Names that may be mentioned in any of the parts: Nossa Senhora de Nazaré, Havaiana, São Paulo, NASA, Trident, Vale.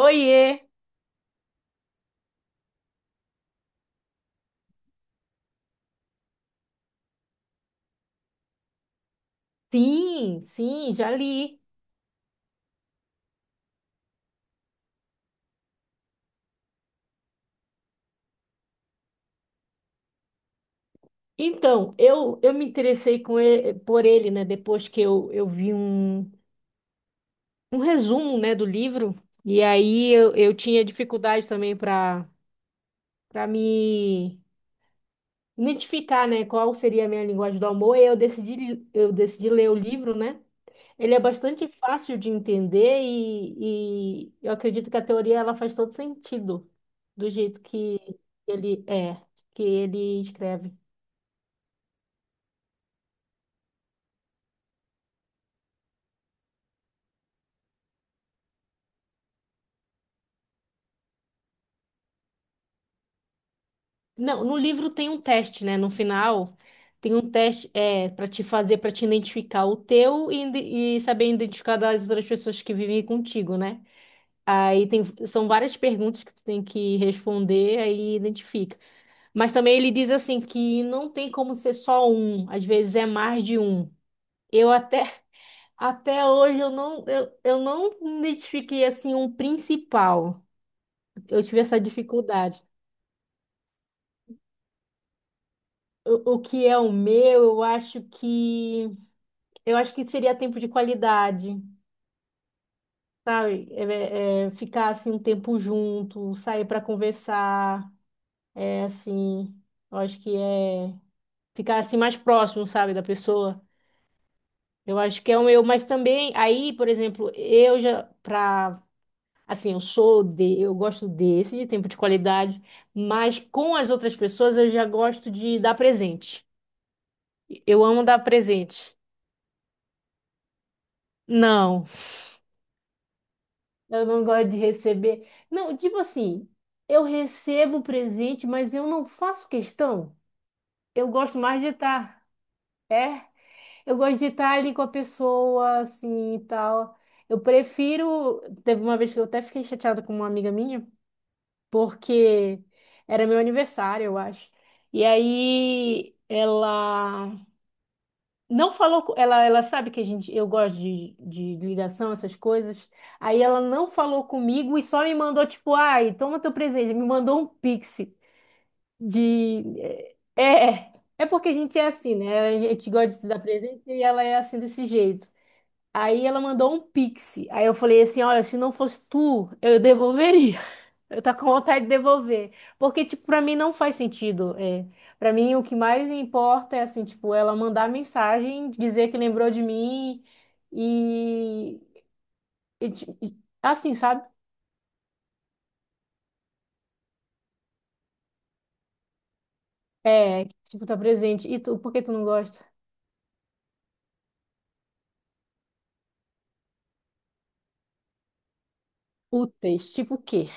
Oiê! Sim, sim, já li. Então, eu me por ele, né? Depois que eu vi um resumo, né, do livro. E aí eu tinha dificuldade também para me identificar, né, qual seria a minha linguagem do amor. E aí eu decidi ler o livro, né? Ele é bastante fácil de entender e eu acredito que a teoria ela faz todo sentido do jeito que ele é, que ele escreve. Não, no livro tem um teste, né? No final tem um teste é para te identificar o teu e, e saber identificar das outras pessoas que vivem contigo, né? Aí tem são várias perguntas que tu tem que responder aí identifica. Mas também ele diz assim que não tem como ser só um, às vezes é mais de um. Eu até até hoje eu não identifiquei assim um principal. Eu tive essa dificuldade. O que é o meu, Eu acho que seria tempo de qualidade, sabe? É ficar assim um tempo junto, sair para conversar, é assim, eu acho que é ficar assim mais próximo, sabe, da pessoa. Eu acho que é o meu, mas também aí, por exemplo, eu já pra assim, eu sou de, eu gosto desse de tempo de qualidade, mas com as outras pessoas eu já gosto de dar presente. Eu amo dar presente. Não. Eu não gosto de receber. Não, tipo assim, eu recebo o presente, mas eu não faço questão. Eu gosto mais de estar, é? Eu gosto de estar ali com a pessoa, assim, e tal. Eu prefiro. Teve uma vez que eu até fiquei chateada com uma amiga minha, porque era meu aniversário, eu acho. E aí ela não falou, co- ela sabe que a gente, eu gosto de ligação, essas coisas. Aí ela não falou comigo e só me mandou, tipo, ai, toma teu presente. Me mandou um pix de. É, é, porque a gente é assim, né? A gente gosta de se dar presente e ela é assim desse jeito. Aí ela mandou um pix. Aí eu falei assim: olha, se não fosse tu, eu devolveria. Eu tô com vontade de devolver. Porque, tipo, pra mim não faz sentido. É. Pra mim, o que mais importa é, assim, tipo, ela mandar mensagem, dizer que lembrou de mim e... e ti- e- assim, sabe? É, tipo, tá presente. E tu, por que tu não gosta? Úteis. Tipo o quê?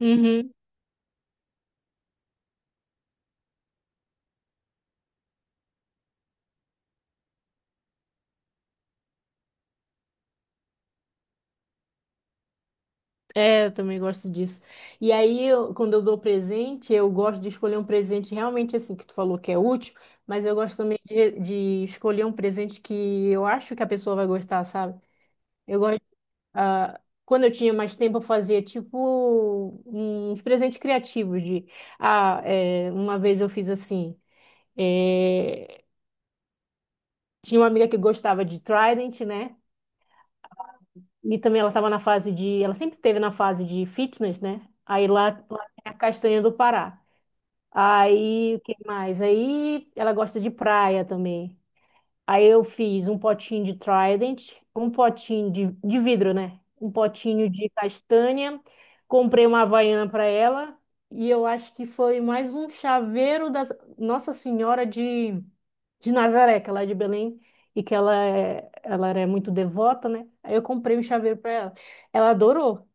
Uhum. É, eu também gosto disso. E aí, quando eu dou presente, eu gosto de escolher um presente realmente, assim, que tu falou que é útil, mas eu gosto também de escolher um presente que eu acho que a pessoa vai gostar, sabe? Eu gosto Ah, quando eu tinha mais tempo, eu fazia tipo uns presentes criativos de ah, é, uma vez eu fiz assim. É, tinha uma amiga que gostava de Trident, né? E também ela estava na fase de. Ela sempre teve na fase de fitness, né? Aí lá tem a castanha do Pará. Aí, o que mais? Aí ela gosta de praia também. Aí eu fiz um potinho de Trident, um potinho de vidro, né? Um potinho de castanha, comprei uma Havaiana para ela e eu acho que foi mais um chaveiro da Nossa Senhora de Nazaré, que ela é de Belém e que ela, é, ela era muito devota, né? Aí eu comprei um chaveiro para ela. Ela adorou.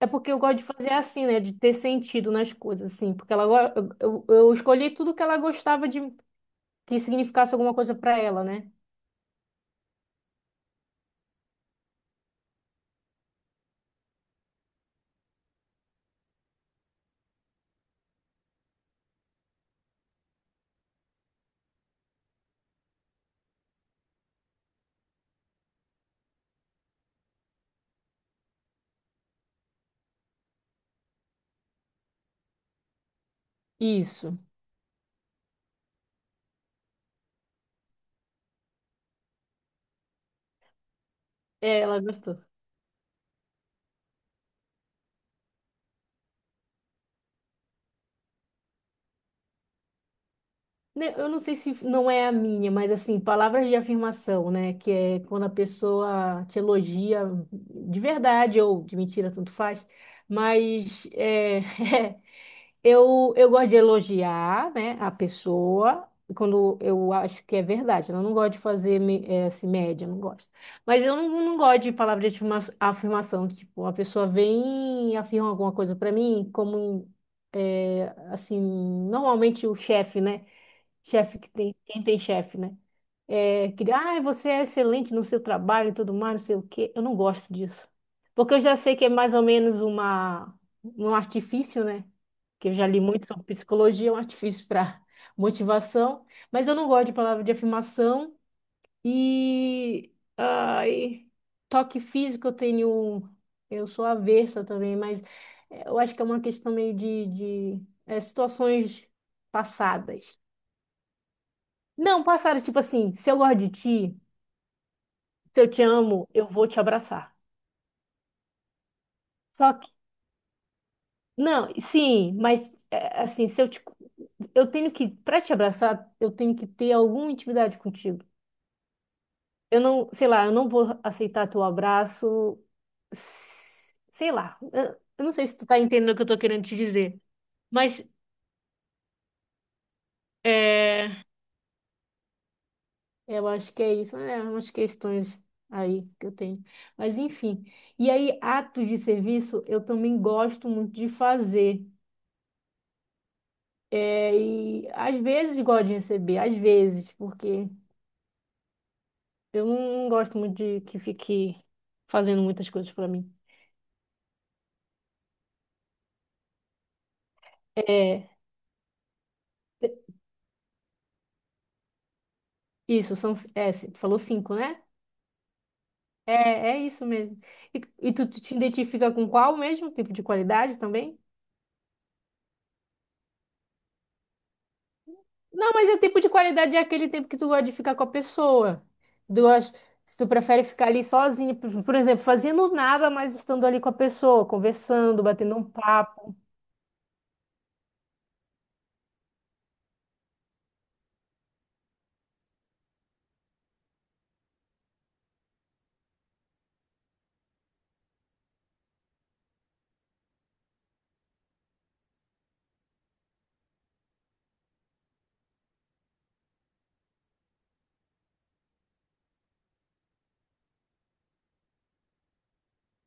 É porque eu gosto de fazer assim, né? De ter sentido nas coisas, assim. Porque ela, go- eu escolhi tudo que ela gostava de que significasse alguma coisa para ela, né? Isso. É, ela gostou. Né, eu não sei se não é a minha, mas assim, palavras de afirmação, né? Que é quando a pessoa te elogia de verdade ou de mentira, tanto faz. Mas é, Eu gosto de elogiar, né, a pessoa quando eu acho que é verdade. Eu não gosto de fazer assim, média, eu não gosto. Mas eu não gosto de palavra de afirmação. Tipo, a pessoa vem e afirma alguma coisa para mim, como assim, normalmente o chefe, né? Chefe que tem, quem tem chefe, né? É, que, ah, você é excelente no seu trabalho e tudo mais, não sei o quê. Eu não gosto disso. Porque eu já sei que é mais ou menos uma, um artifício, né? Que eu já li muito sobre psicologia, é um artifício para motivação. Mas eu não gosto de palavra de afirmação. E ai, toque físico eu tenho. Eu sou avessa também, mas eu acho que é uma questão meio de situações passadas. Não, passaram tipo assim, se eu gosto de ti, se eu te amo, eu vou te abraçar. Só que, não, sim, mas é, assim, se eu te, eu tenho que, pra te abraçar, eu tenho que ter alguma intimidade contigo. Eu não, sei lá, eu não vou aceitar teu abraço, sei lá. Eu não sei se tu tá entendendo o que eu tô querendo te dizer, mas é, eu acho que é isso, é umas questões aí que eu tenho. Mas enfim. E aí, atos de serviço, eu também gosto muito de fazer. É, e às vezes gosto de receber, às vezes, porque eu não gosto muito de que fique fazendo muitas coisas pra mim. É, isso, são, é, você falou cinco, né? É, é isso mesmo. E, e tu te identifica com qual mesmo? Tempo de qualidade também? Não, mas o tempo de qualidade é aquele tempo que tu gosta de ficar com a pessoa. Tu gosta, se tu prefere ficar ali sozinho, por exemplo, fazendo nada, mas estando ali com a pessoa, conversando, batendo um papo.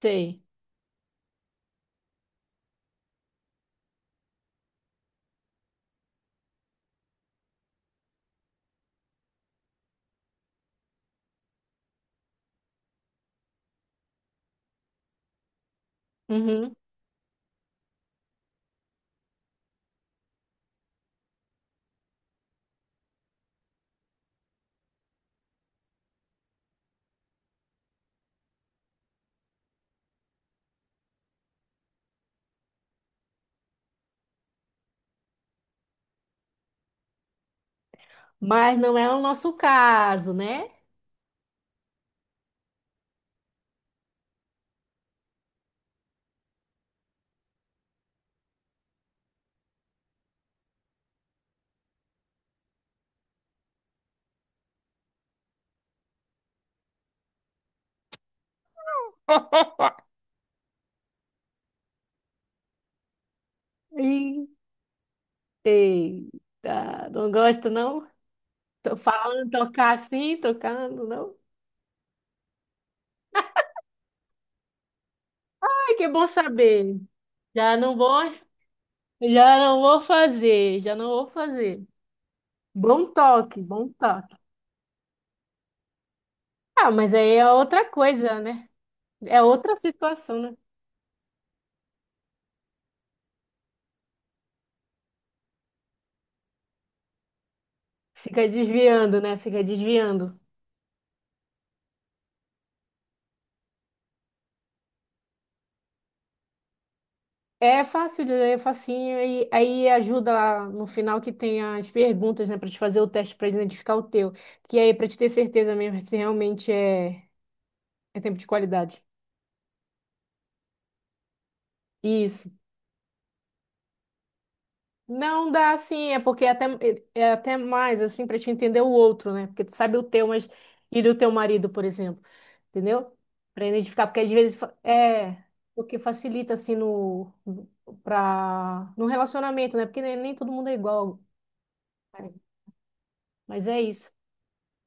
Sei. Uhum. Mas não é o nosso caso, né? Ih, eita, não gosta, não? Tô falando, tocar assim, tocando, não? Ai, que bom saber. Já não vou, já não vou fazer, já não vou fazer. Bom toque, bom toque. Ah, mas aí é outra coisa, né? É outra situação, né? Fica desviando, né? Fica desviando. É fácil de ler, é facinho, e aí ajuda lá no final que tem as perguntas, né, para te fazer o teste para identificar o teu, que aí para te ter certeza mesmo se realmente é tempo de qualidade. Isso. Não dá assim, é porque é até mais assim para te entender o outro, né? Porque tu sabe o teu, mas e do teu marido, por exemplo, entendeu? Para identificar, porque às vezes é o que facilita assim para no relacionamento, né? Porque nem todo mundo é igual. Mas é isso.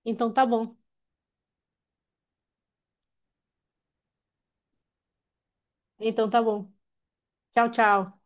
Então tá bom. Então tá bom. Tchau, tchau.